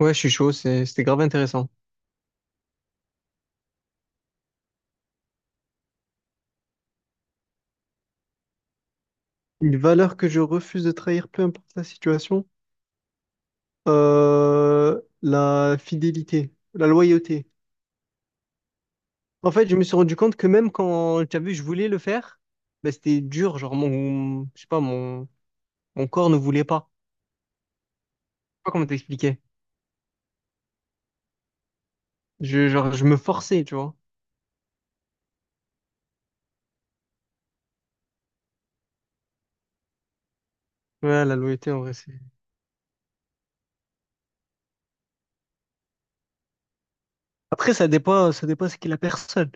Ouais, je suis chaud, c'était grave intéressant. Une valeur que je refuse de trahir, peu importe la situation, la fidélité, la loyauté. En fait, je me suis rendu compte que même quand, tu as vu, je voulais le faire, bah, c'était dur, genre mon, je sais pas, mon corps ne voulait pas. Je sais pas comment t'expliquer. Je, genre, je me forçais, tu vois. Ouais, la loyauté, en vrai, c'est. Après, ça dépend ce qu'est la personne.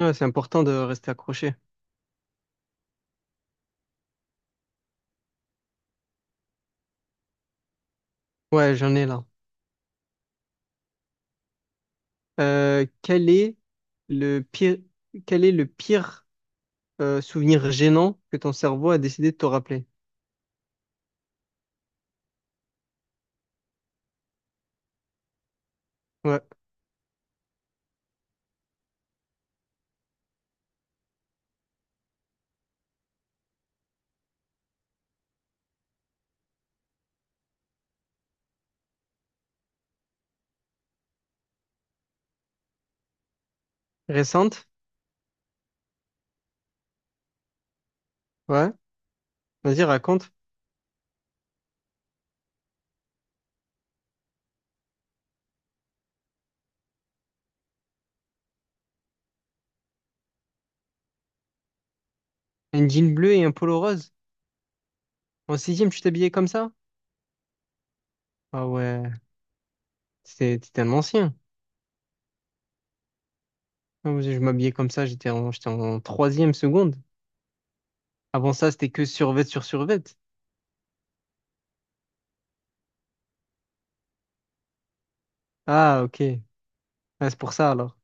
Ouais, c'est important de rester accroché. Ouais, j'en ai là. Quel est le pire, quel est le pire souvenir gênant que ton cerveau a décidé de te rappeler. Ouais. Récente? Ouais. Vas-y, raconte. Un jean bleu et un polo rose. En sixième, tu t'habillais comme ça? Ah ouais, c'était t'étais un ancien. Ah ouais, je m'habillais comme ça, j'étais en troisième seconde. Avant ça, c'était que survêt sur survêt. Ah, ok. Ah, c'est pour ça alors.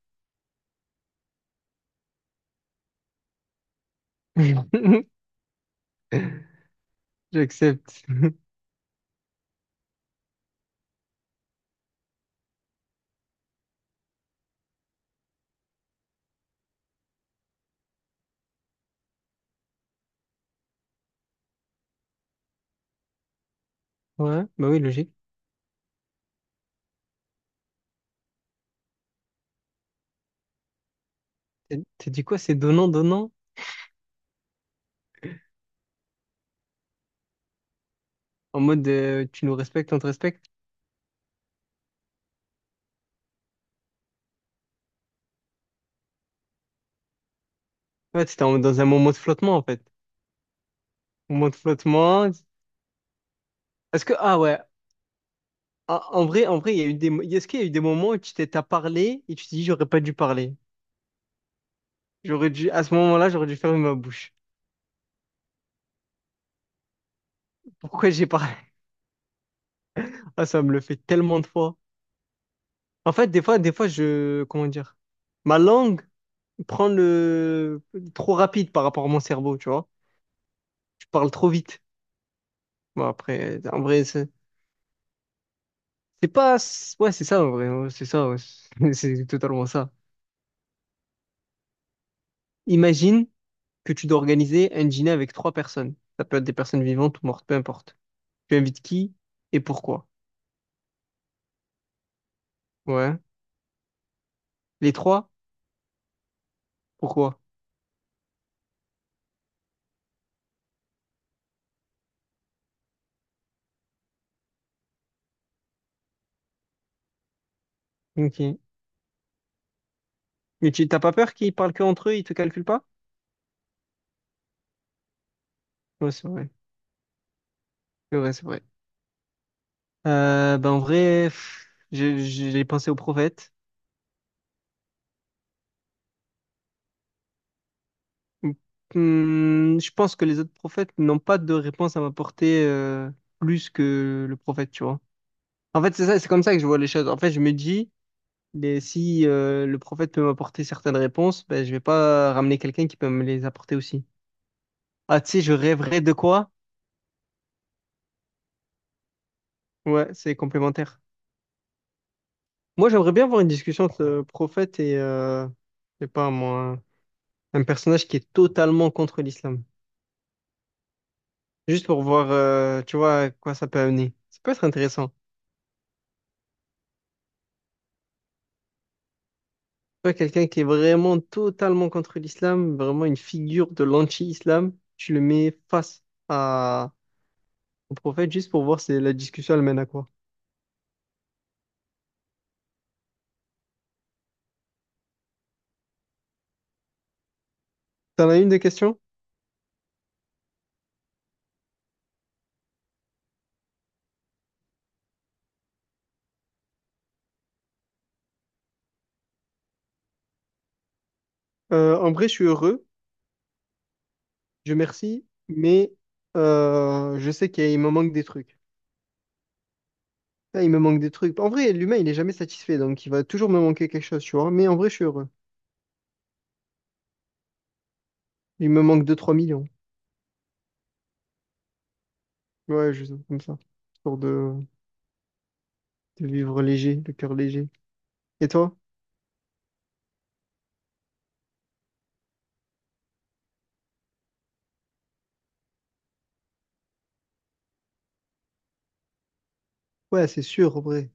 J'accepte. Ouais, bah oui, logique. T'as dit quoi? C'est donnant, donnant? En mode tu nous respectes, on te respecte? Ouais, c'était dans un moment de flottement en fait. Moment de flottement. Est-ce que, ah ouais, en vrai, il y a eu des, est-ce qu'il y a eu des moments où tu t'es, t'as parlé et tu t'es dit, j'aurais pas dû parler. J'aurais dû, à ce moment-là, j'aurais dû fermer ma bouche. Pourquoi j'ai parlé? Ah, ça me le fait tellement de fois. En fait, des fois, comment dire, ma langue prend le, trop rapide par rapport à mon cerveau, tu vois. Je parle trop vite. Bon, après, en vrai, c'est pas, ouais, c'est ça, en vrai, ouais, c'est ça, ouais. C'est totalement ça. Imagine que tu dois organiser un dîner avec trois personnes. Ça peut être des personnes vivantes ou mortes, peu importe. Tu invites qui et pourquoi? Ouais. Les trois? Pourquoi? Ok. Mais tu t'as pas peur qu'ils parlent que entre eux, ils te calculent pas? Ouais, c'est vrai. C'est vrai, c'est vrai. Ben en vrai, j'ai pensé aux prophètes. Hmm, je pense que les autres prophètes n'ont pas de réponse à m'apporter plus que le prophète, tu vois. En fait, c'est ça, c'est comme ça que je vois les choses. En fait, je me dis, mais si le prophète peut m'apporter certaines réponses, ben, je vais pas ramener quelqu'un qui peut me les apporter aussi. Ah, tu sais, je rêverais de quoi? Ouais, c'est complémentaire. Moi, j'aimerais bien avoir une discussion entre le prophète et, je sais pas moi, un personnage qui est totalement contre l'islam. Juste pour voir, tu vois, à quoi ça peut amener. Ça peut être intéressant. Tu vois, quelqu'un qui est vraiment totalement contre l'islam, vraiment une figure de l'anti-islam, tu le mets face à, au prophète juste pour voir si la discussion elle mène à quoi. T'en as une des questions? En vrai, je suis heureux, je merci, mais je sais qu'il me manque des trucs. Là, il me manque des trucs. En vrai, l'humain, il est jamais satisfait, donc il va toujours me manquer quelque chose, tu vois. Mais en vrai, je suis heureux. Il me manque deux trois millions. Ouais, juste comme ça. Pour de vivre léger, le cœur léger. Et toi? Ouais, c'est sûr, en vrai.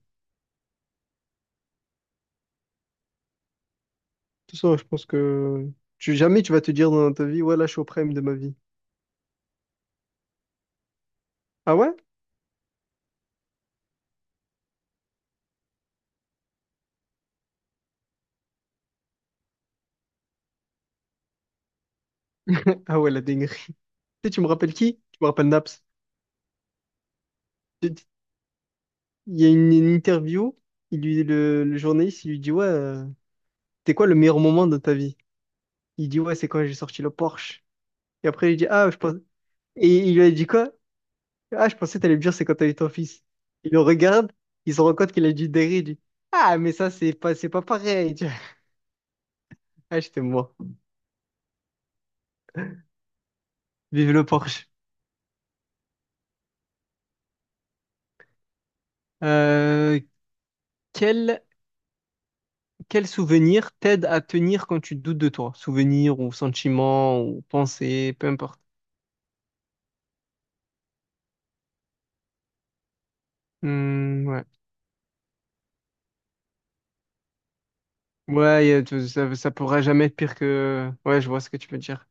Tout ça je pense que jamais tu vas te dire dans ta vie, ouais, là, je suis au prime de ma vie. Ah ouais? Ah ouais, la dinguerie. Tu sais, tu me rappelles qui? Tu me rappelles Naps. Tu- tu- Il y a une interview, le journaliste, il lui dit, ouais, c'était quoi le meilleur moment de ta vie? Il dit, ouais, c'est quand j'ai sorti le Porsche. Et après, il dit, ah, je pense. Et il lui a dit quoi? Ah, je pensais que t'allais me dire c'est quand t'as eu ton fils. Il le regarde, il se rend compte qu'il a dû derrière, il dit, ah, mais ça, c'est pas pareil. Ah, j'étais mort. Vive le Porsche. Euh, quel, quel souvenir t'aide à tenir quand tu doutes de toi? Souvenir ou sentiment ou pensée, peu importe. Hmm, ouais. Ouais, ça pourra jamais être pire que. Ouais, je vois ce que tu veux dire.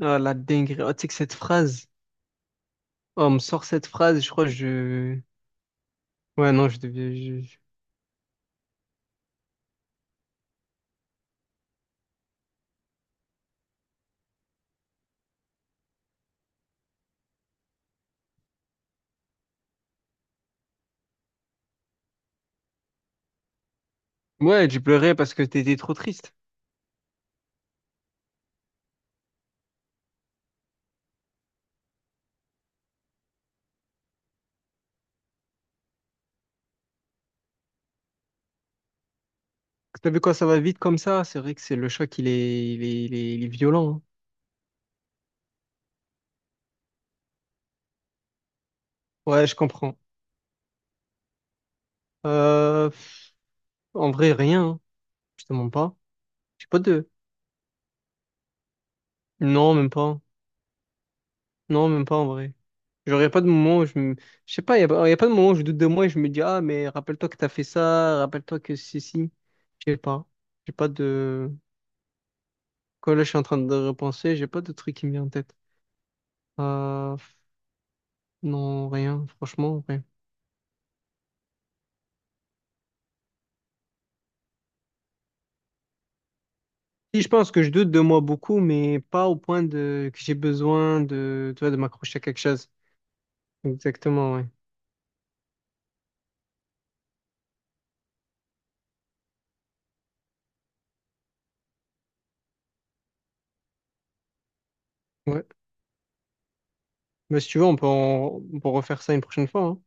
Ah, la dinguerie. Oh, tu sais que cette phrase. Oh, on me sort cette phrase, je crois que je. Ouais, non, je devais. Ouais, tu pleurais parce que t'étais trop triste. T'as vu quand ça va vite comme ça, c'est vrai que c'est le choc, il est violent. Hein. Ouais, je comprends. Euh, pff, en vrai, rien. Hein. Je te mens pas. J'ai pas de. Non, même pas. Non, même pas en vrai. J'aurais pas de moment où je me. Je sais pas, y a, pas y a pas de moment où je doute de moi et je me dis, ah, mais rappelle-toi que t'as fait ça, rappelle-toi que ceci. Je sais pas. J'ai pas de. Quand là, je suis en train de repenser, j'ai pas de truc qui me vient en tête. Euh, pff, non, rien, franchement, rien. Si, je pense que je doute de moi beaucoup, mais pas au point de que j'ai besoin de, tu vois, de m'accrocher à quelque chose. Exactement, ouais. Ouais. Bah, si tu veux, on peut, on peut refaire ça une prochaine fois. Hein.